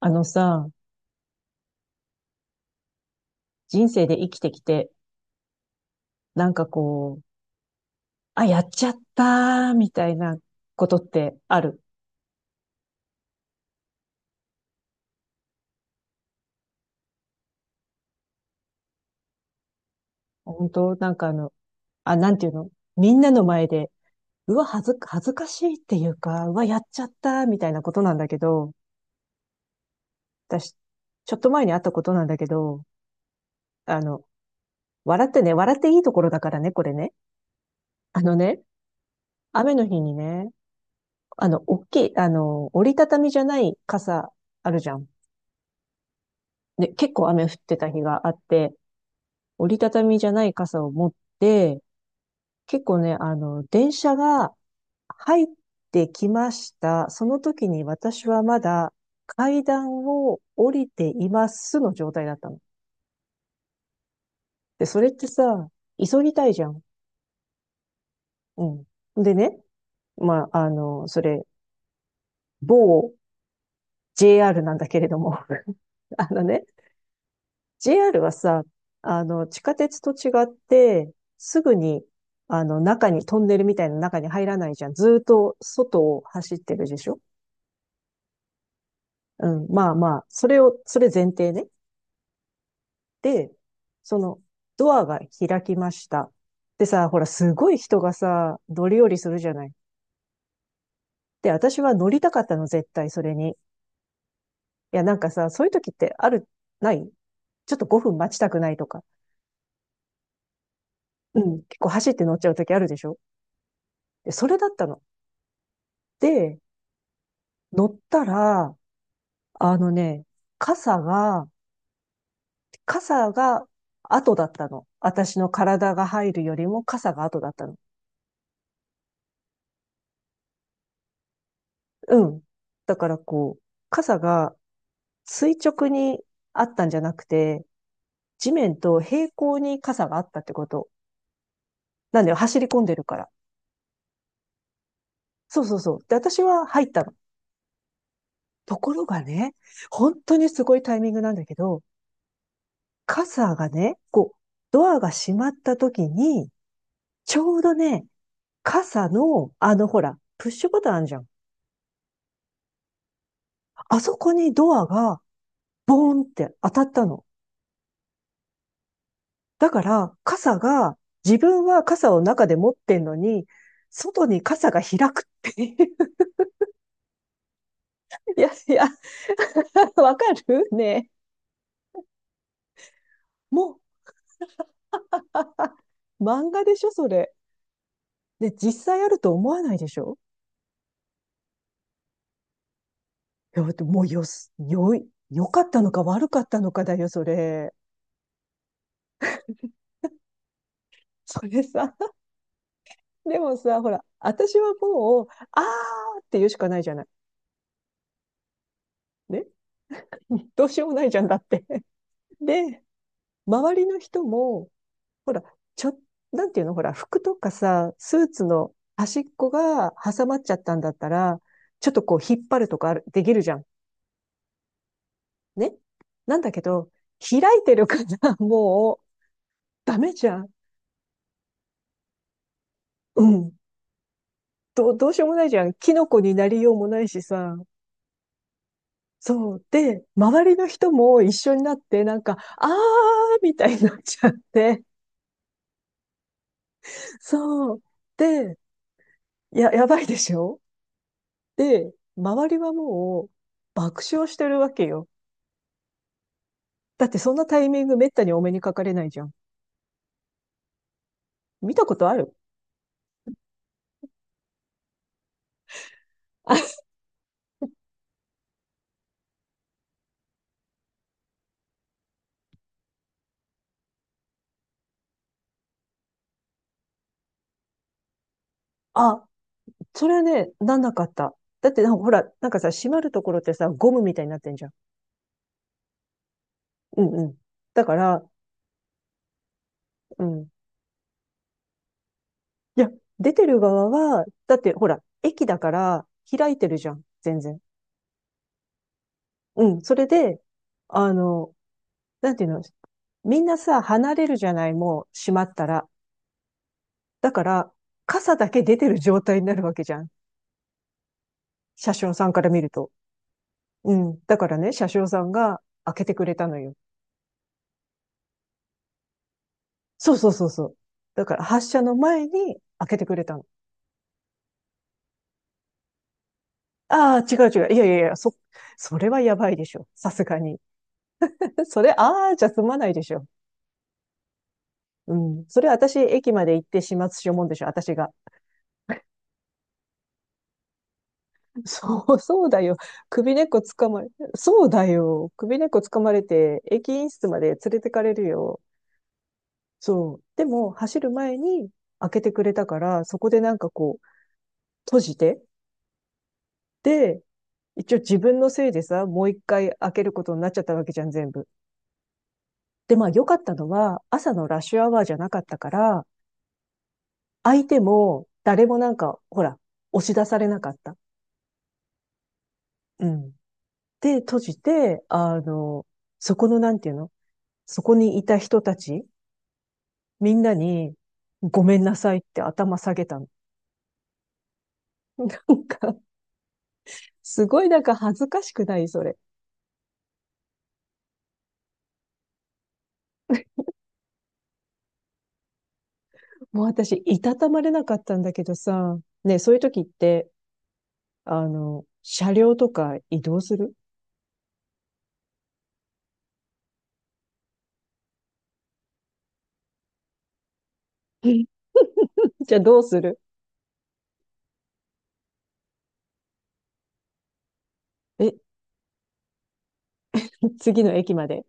あのさ、人生で生きてきて、なんかこう、あ、やっちゃったー、みたいなことってある？本当なんかあの、あ、なんていうのみんなの前で、うわ、恥ずかしいっていうか、うわ、やっちゃったー、みたいなことなんだけど、私、ちょっと前にあったことなんだけど、あの、笑ってね、笑っていいところだからね、これね。あのね、雨の日にね、大きい、折りたたみじゃない傘あるじゃん。で、結構雨降ってた日があって、折りたたみじゃない傘を持って、結構ね、電車が入ってきました。その時に私はまだ階段を降りていますの状態だったの。で、それってさ、急ぎたいじゃん。うん。でね、まあ、あの、それ、某 JR なんだけれども、あのね、JR はさ、地下鉄と違って、すぐに、中に、トンネルみたいな中に入らないじゃん。ずーっと外を走ってるでしょう？ん、まあまあ、それ前提ね。で、その、ドアが開きました。でさ、ほら、すごい人がさ、乗り降りするじゃない。で、私は乗りたかったの、絶対、それに。いや、なんかさ、そういう時ってある、ない？ちょっと5分待ちたくないとか。うん、結構走って乗っちゃう時あるでしょで、それだったの。で、乗ったら、あのね、傘が、傘が後だったの。私の体が入るよりも傘が後だったの。うん。だからこう、傘が垂直にあったんじゃなくて、地面と平行に傘があったってこと。なんだよ、走り込んでるから。そうそうそう。で、私は入ったの。ところがね、本当にすごいタイミングなんだけど、傘がね、こう、ドアが閉まった時に、ちょうどね、傘の、あの、ほら、プッシュボタンあるじゃん。あそこにドアが、ボーンって当たったの。だから、傘が、自分は傘を中で持ってんのに、外に傘が開くっていう。いやいや、わかるねえ。もう、漫画でしょ、それ。で、実際あると思わないでしょいや、だってもうよす、よい、良かったのか悪かったのかだよ、それ。それさ、でもさ、ほら、私はもう、あーって言うしかないじゃない。ね。どうしようもないじゃんだって。で、周りの人も、ほら、ちょ、なんていうの、ほら、服とかさ、スーツの端っこが挟まっちゃったんだったら、ちょっとこう引っ張るとかできるじゃん。ね。なんだけど、開いてるから もうダメじゃん。うん。どうしようもないじゃん。キノコになりようもないしさ。そう。で、周りの人も一緒になって、なんか、あーみたいになっちゃって。そう。で、やばいでしょで、周りはもう爆笑してるわけよ。だってそんなタイミングめったにお目にかかれないじゃん。見たことある？あ、それはね、なんなかった。だってなんかほら、なんかさ、閉まるところってさ、ゴムみたいになってんじゃん。うんうん。だから、うん。いや、出てる側は、だってほら、駅だから開いてるじゃん。全然。うん。それで、あの、なんていうの、みんなさ、離れるじゃない、もう閉まったら。だから、傘だけ出てる状態になるわけじゃん。車掌さんから見ると。うん。だからね、車掌さんが開けてくれたのよ。そうそうそうそう。だから発車の前に開けてくれたの。ああ、違う違う。それはやばいでしょ。さすがに。それ、ああ、じゃ済まないでしょ。うん。それ私、駅まで行って始末しようもんでしょ、私が。そう、そうだよ。首根っこつかまれ、そうだよ。首根っこつかまれて、駅員室まで連れてかれるよ。そう。でも、走る前に開けてくれたから、そこでなんかこう、閉じて、で、一応自分のせいでさ、もう一回開けることになっちゃったわけじゃん、全部。で、まあ良かったのは、朝のラッシュアワーじゃなかったから、相手も誰もなんか、ほら、押し出されなかった。うん。で、閉じて、あの、そこのなんていうのそこにいた人たち、みんなに、ごめんなさいって頭下げたの。なんか、すごいなんか恥ずかしくない？それ。もう私、いたたまれなかったんだけどさ、ね、そういう時って、車両とか移動する？ じゃあどうする？え、次の駅まで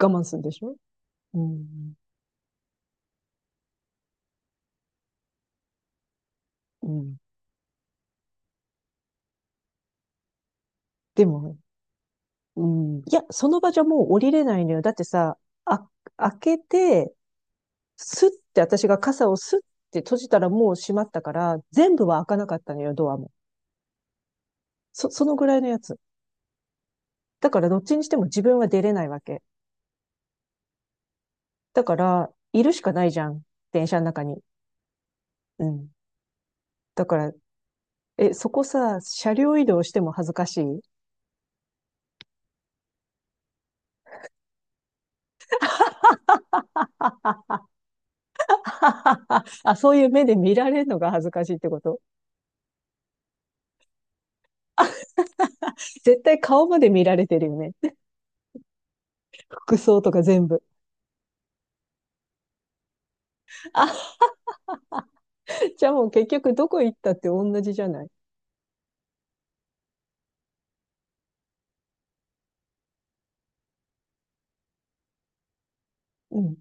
我慢するんでしょうん。うん。でも、うん。いや、その場じゃもう降りれないのよ。だってさ、あ、開けて、スッて私が傘をスッって閉じたらもう閉まったから、全部は開かなかったのよ、ドアも。そのぐらいのやつ。だからどっちにしても自分は出れないわけ。だから、いるしかないじゃん。電車の中に。うん。だから、え、そこさ、車両移動しても恥ずかしい？ あ、そういう目で見られるのが恥ずかしいってこと？絶対顔まで見られてるよね。服装とか全部。あ、じゃあもう結局どこ行ったって同じじゃない？うん。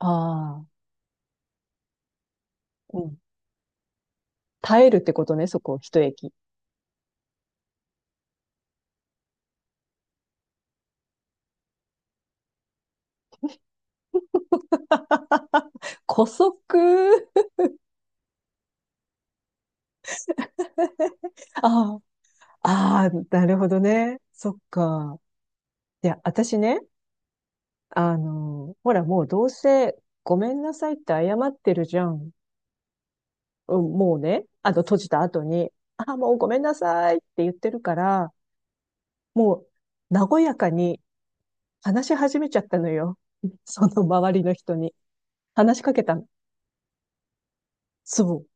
ああ、うん。耐えるってことね、そこ、一駅。古速。ああ、ああ、なるほどね。そっか。いや、私ね、ほらもうどうせごめんなさいって謝ってるじゃん。うん、もうね、あの、閉じた後に、あ、もうごめんなさいって言ってるから、もう、和やかに話し始めちゃったのよ。その周りの人に。話しかけたの。そう。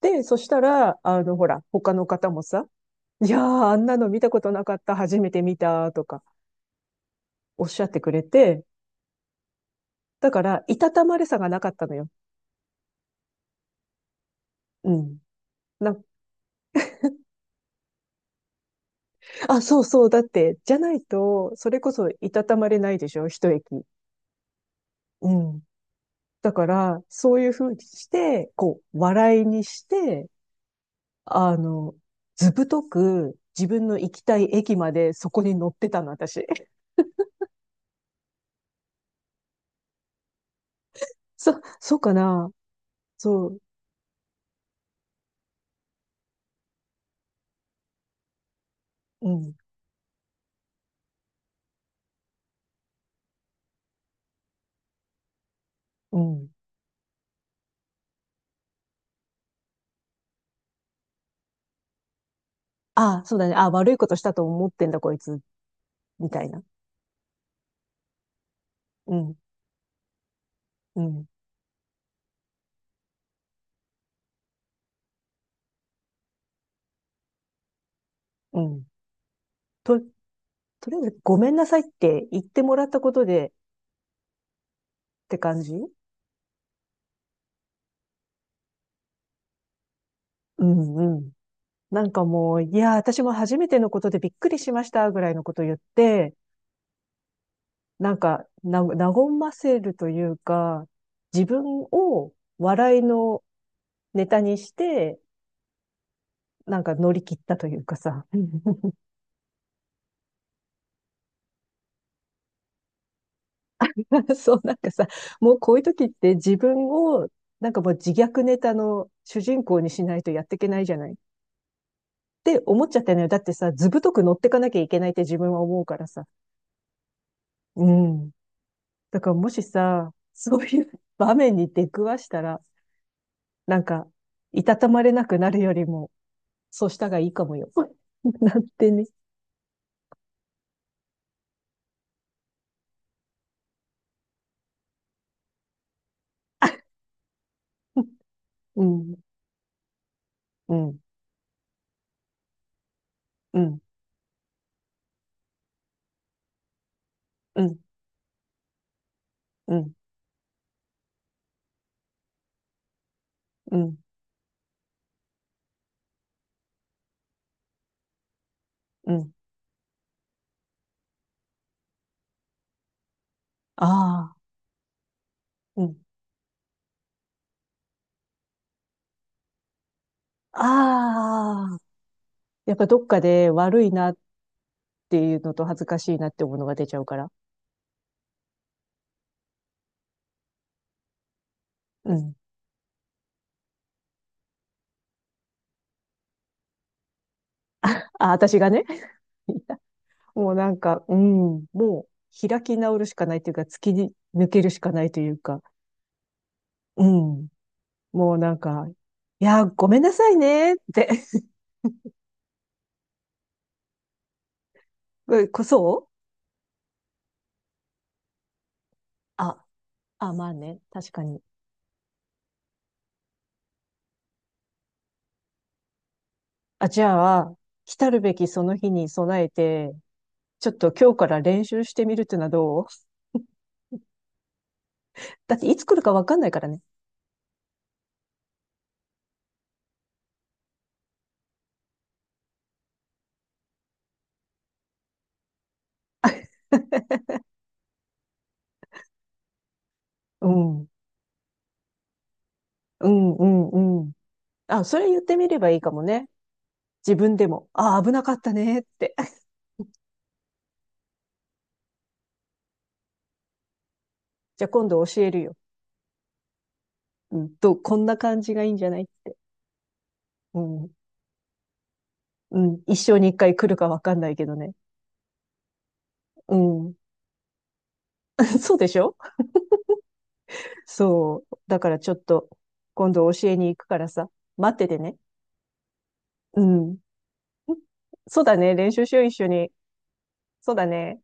で、そしたら、他の方もさ、いやー、あんなの見たことなかった、初めて見た、とか、おっしゃってくれて、だから、いたたまれさがなかったのよ。うん。な、あ、そうそう、だって、じゃないと、それこそいたたまれないでしょ、一駅。うん。だから、そういうふうにして、こう、笑いにして、あの、ずぶとく自分の行きたい駅までそこに乗ってたの、私。そ、そうかな？そう、うん、うん。ああ、そうだね。ああ、悪いことしたと思ってんだ、こいつ、みたいな。うん、うん、うん。と、とりあえず、ごめんなさいって言ってもらったことでって感じ？うん、うん。なんかもう、いや、私も初めてのことでびっくりしました、ぐらいのこと言って、和ませるというか、自分を笑いのネタにして、なんか乗り切ったというかさ。そう、なんかさ、もうこういう時って自分を、なんかもう自虐ネタの主人公にしないとやっていけないじゃないって思っちゃったのよ。だってさ、図太く乗ってかなきゃいけないって自分は思うからさ。うん。だからもしさ、そういう場面に出くわしたら、なんか、いたたまれなくなるよりも、そうしたがいいかもよ。なってね。うん、うん、うん、うん、うん、うん、うん。ああ、うん。ああ、やっぱどっかで悪いなっていうのと恥ずかしいなって思うのが出ちゃうから。うん。あ、私がね。いやもうなんか、うん、もう開き直るしかないというか、突き抜けるしかないというか、うん。もうなんか、いや、ごめんなさいねって。こそう、あ、まあね。確かに。あ、じゃあ、来たるべきその日に備えて、ちょっと今日から練習してみるっていうのはどう？ だっていつ来るかわかんないからね。うん。うん、うん、うん。あ、それ言ってみればいいかもね。自分でも。あ、危なかったねって。じゃあ今度教えるよ。うん、と、こんな感じがいいんじゃないって。うん。うん。一生に一回来るかわかんないけどね。うん。そうでしょ？そう。だからちょっと、今度教えに行くからさ。待っててね。うん。そうだね。練習しよう、一緒に。そうだね。